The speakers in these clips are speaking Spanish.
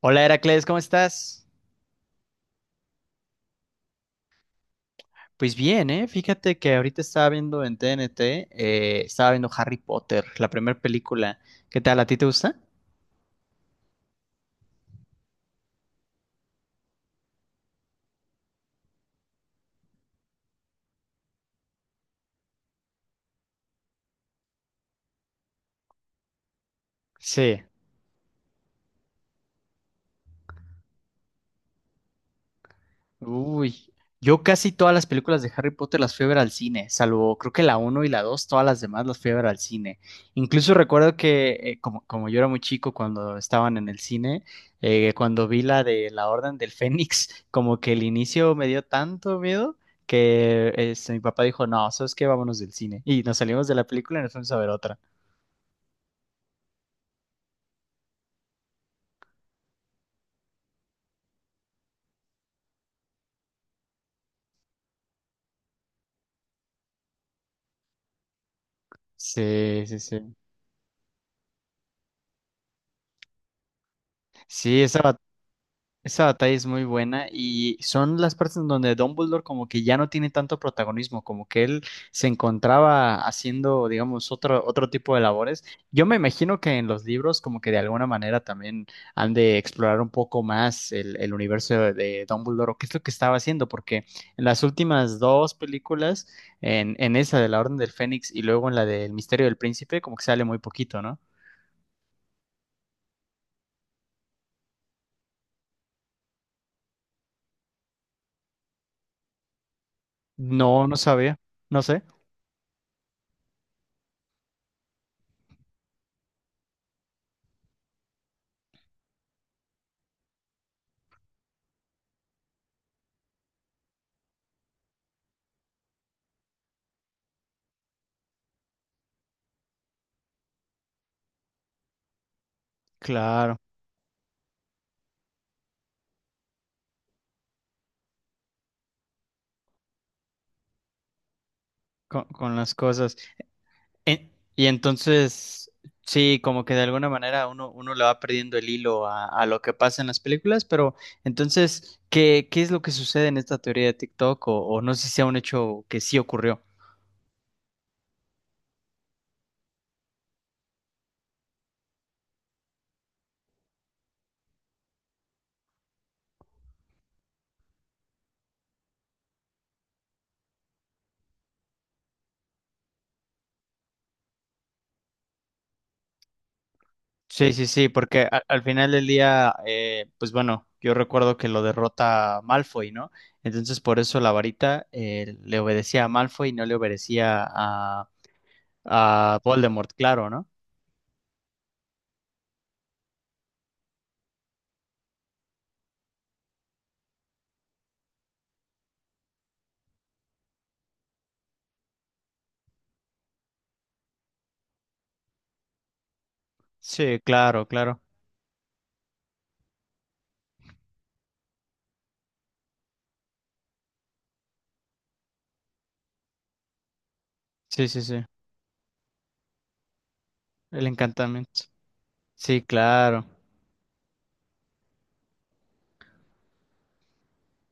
Hola Heracles, ¿cómo estás? Pues bien, ¿eh? Fíjate que ahorita estaba viendo en TNT, estaba viendo Harry Potter, la primera película. ¿Qué tal? ¿A ti te gusta? Sí. Uy, yo casi todas las películas de Harry Potter las fui a ver al cine, salvo creo que la uno y la 2, todas las demás las fui a ver al cine. Incluso recuerdo que como yo era muy chico cuando estaban en el cine, cuando vi la de la Orden del Fénix, como que el inicio me dio tanto miedo que este, mi papá dijo, no, ¿sabes qué? Vámonos del cine. Y nos salimos de la película y nos fuimos a ver otra. Sí, sí, sí. Sí, esa. Esa batalla es muy buena y son las partes en donde Dumbledore como que ya no tiene tanto protagonismo, como que él se encontraba haciendo, digamos, otro tipo de labores. Yo me imagino que en los libros como que de alguna manera también han de explorar un poco más el universo de Dumbledore o qué es lo que estaba haciendo, porque en las últimas dos películas, en esa de la Orden del Fénix y luego en la del Misterio del Príncipe, como que sale muy poquito, ¿no? No, no sabía, no sé, claro, con las cosas. Y entonces, sí, como que de alguna manera uno le va perdiendo el hilo a lo que pasa en las películas, pero entonces, ¿ qué es lo que sucede en esta teoría de TikTok? O no sé si sea un hecho que sí ocurrió. Sí, sí, sí, porque al final del día, pues bueno, yo recuerdo que lo derrota Malfoy, ¿no? Entonces por eso la varita le obedecía a Malfoy y no le obedecía a Voldemort, claro, ¿no? Sí, claro, claro. Sí, sí, sí. El encantamiento. Sí, claro.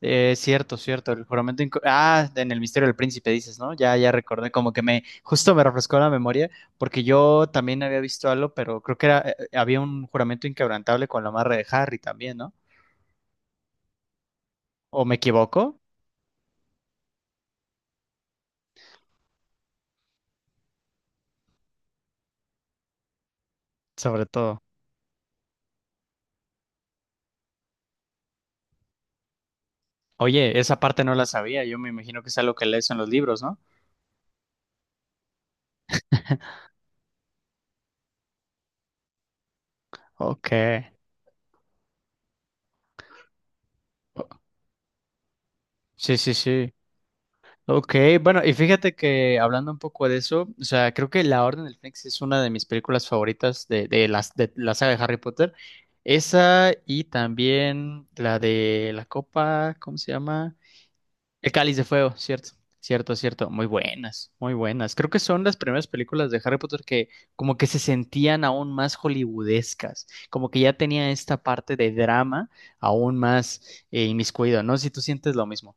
Es cierto, cierto. Ah, en el Misterio del Príncipe dices, ¿no? Ya, ya recordé, como que me, justo me refrescó la memoria, porque yo también había visto algo, pero creo que era, había un juramento inquebrantable con la amarre de Harry también, ¿no? ¿O me equivoco? Sobre todo. Oye, esa parte no la sabía, yo me imagino que es algo que lees en los libros, ¿no? Ok. Sí, sí, sí. Ok, bueno, y fíjate que hablando un poco de eso, o sea, creo que La Orden del Fénix es una de mis películas favoritas de de la saga de Harry Potter. Esa y también la de la copa, ¿cómo se llama? El Cáliz de Fuego, cierto, cierto, cierto. Muy buenas, muy buenas. Creo que son las primeras películas de Harry Potter que como que se sentían aún más hollywoodescas, como que ya tenía esta parte de drama aún más inmiscuido, ¿no? Si tú sientes lo mismo.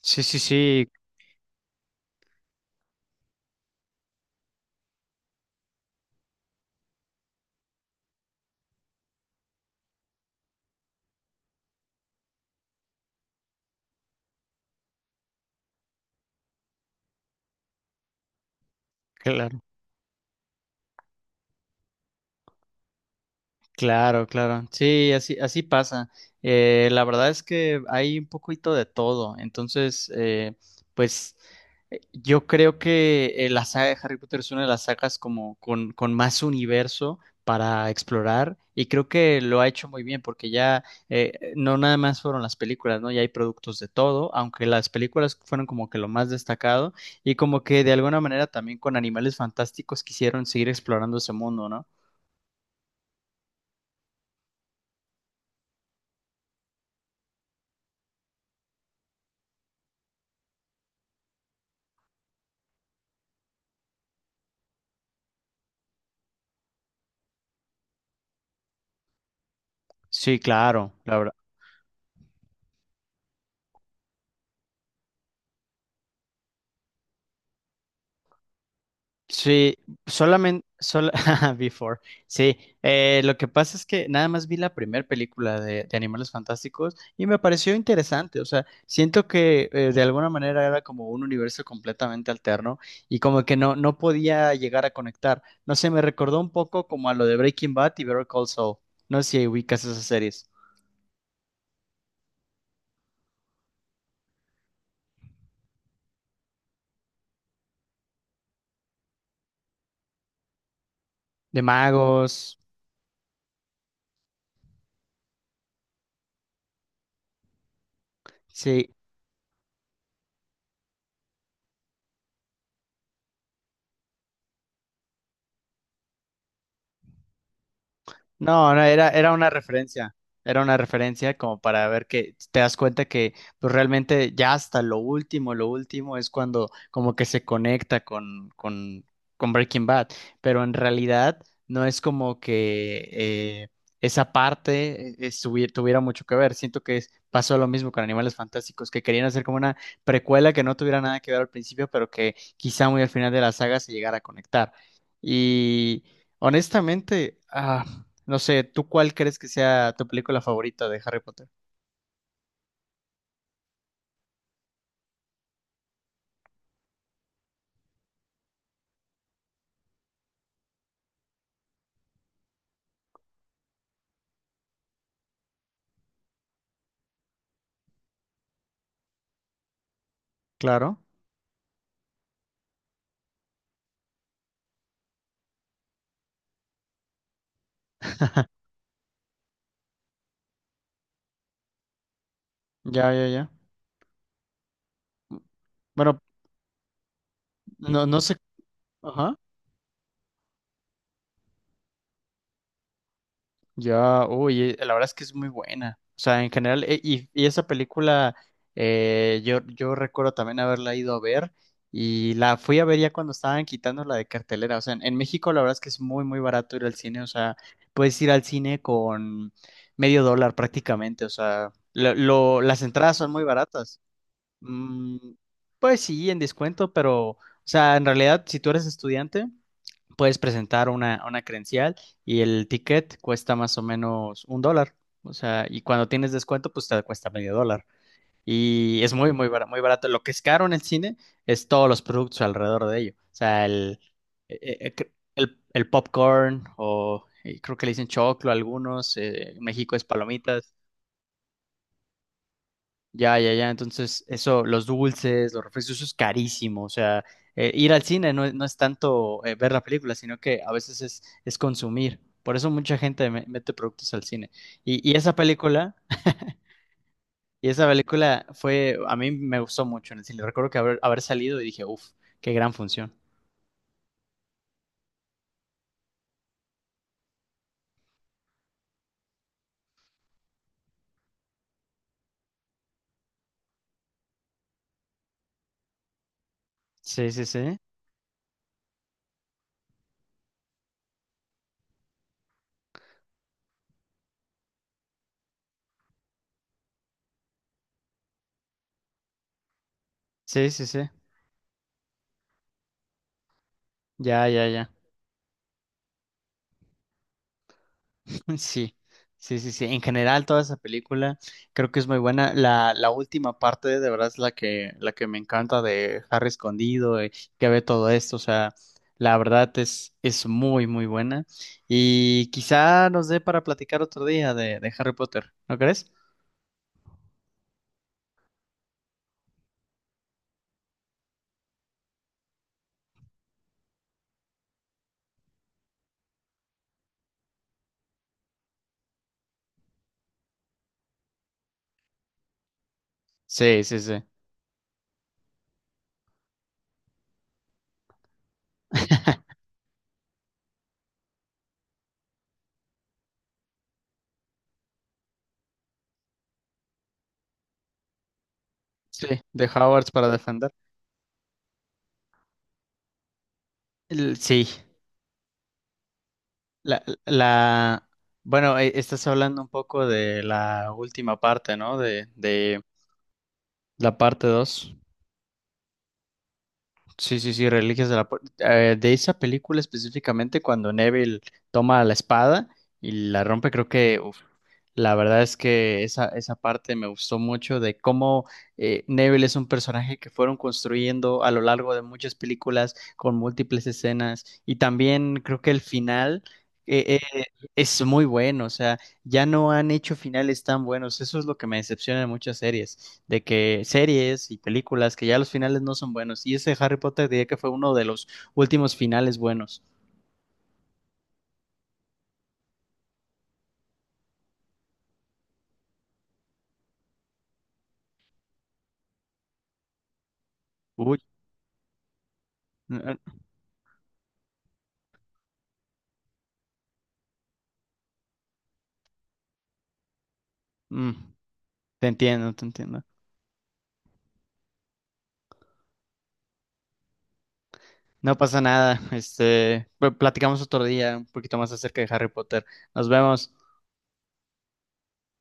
Sí, sí, sí, claro. Claro, claro. Sí, así, así pasa. La verdad es que hay un poquito de todo. Entonces, pues yo creo que la saga de Harry Potter es una de las sagas como con más universo para explorar y creo que lo ha hecho muy bien porque ya no nada más fueron las películas, ¿no? Ya hay productos de todo, aunque las películas fueron como que lo más destacado y como que de alguna manera también con Animales Fantásticos quisieron seguir explorando ese mundo, ¿no? Sí, claro, la verdad. Sí, solamente, sol- Before. Sí, lo que pasa es que nada más vi la primera película de Animales Fantásticos y me pareció interesante. O sea, siento que de alguna manera era como un universo completamente alterno y como que no, no podía llegar a conectar. No sé, me recordó un poco como a lo de Breaking Bad y Better Call Saul. No sé si ubicas esas series. De magos. Sí, no, no, era, era una referencia como para ver que te das cuenta que pues realmente ya hasta lo último es cuando como que se conecta con Breaking Bad, pero en realidad no es como que esa parte tuviera mucho que ver. Siento que pasó lo mismo con Animales Fantásticos, que querían hacer como una precuela que no tuviera nada que ver al principio, pero que quizá muy al final de la saga se llegara a conectar. Y honestamente... ah, no sé, ¿tú cuál crees que sea tu película favorita de Harry Potter? Claro. Ya, ya, ya. Bueno, no, no sé. Ajá. Ya, uy, la verdad es que es muy buena. O sea, en general, y esa película, yo recuerdo también haberla ido a ver y la fui a ver ya cuando estaban quitándola de cartelera. O sea, en México la verdad es que es muy, muy barato ir al cine. O sea, puedes ir al cine con medio dólar prácticamente. O sea, las entradas son muy baratas. Mm, pues sí, en descuento, pero, o sea, en realidad, si tú eres estudiante, puedes presentar una credencial y el ticket cuesta más o menos un dólar. O sea, y cuando tienes descuento, pues te cuesta medio dólar. Y es muy, muy barato, muy barato. Lo que es caro en el cine es todos los productos alrededor de ello. O sea, el popcorn o creo que le dicen choclo a algunos. En México es palomitas. Ya, ya, ya. Entonces, eso, los dulces, los refrescos, eso es carísimo. O sea, ir al cine no, no es tanto ver la película, sino que a veces es consumir. Por eso mucha gente mete productos al cine. Y, y esa película, y esa película fue, a mí me gustó mucho en el cine. Recuerdo que haber salido y dije, uff, qué gran función. Sí, sí, sí. Sí, sí, sí. Ya, ya, ya. Sí, sí, sí, sí. En general, toda esa película creo que es muy buena. La última parte, de verdad, es la que me encanta de Harry escondido, que ve todo esto. O sea, la verdad es muy, muy buena. Y quizá nos dé para platicar otro día de Harry Potter, ¿no crees? Sí, sí, sí. Sí, de Hogwarts para defender. Sí, la, la... Bueno, estás hablando un poco de la última parte, ¿no? De la parte 2. Sí, sí, sí, Reliquias de la Pu- de esa película específicamente cuando Neville toma la espada y la rompe, creo que la verdad es que esa parte me gustó mucho de cómo Neville es un personaje que fueron construyendo a lo largo de muchas películas con múltiples escenas y también creo que el final eh, eh, es muy bueno, o sea, ya no han hecho finales tan buenos, eso es lo que me decepciona en muchas series, de que series y películas que ya los finales no son buenos y ese Harry Potter diría que fue uno de los últimos finales buenos. Uy, eh, eh, mm, te entiendo, te entiendo. No pasa nada. Este, platicamos otro día un poquito más acerca de Harry Potter. Nos vemos.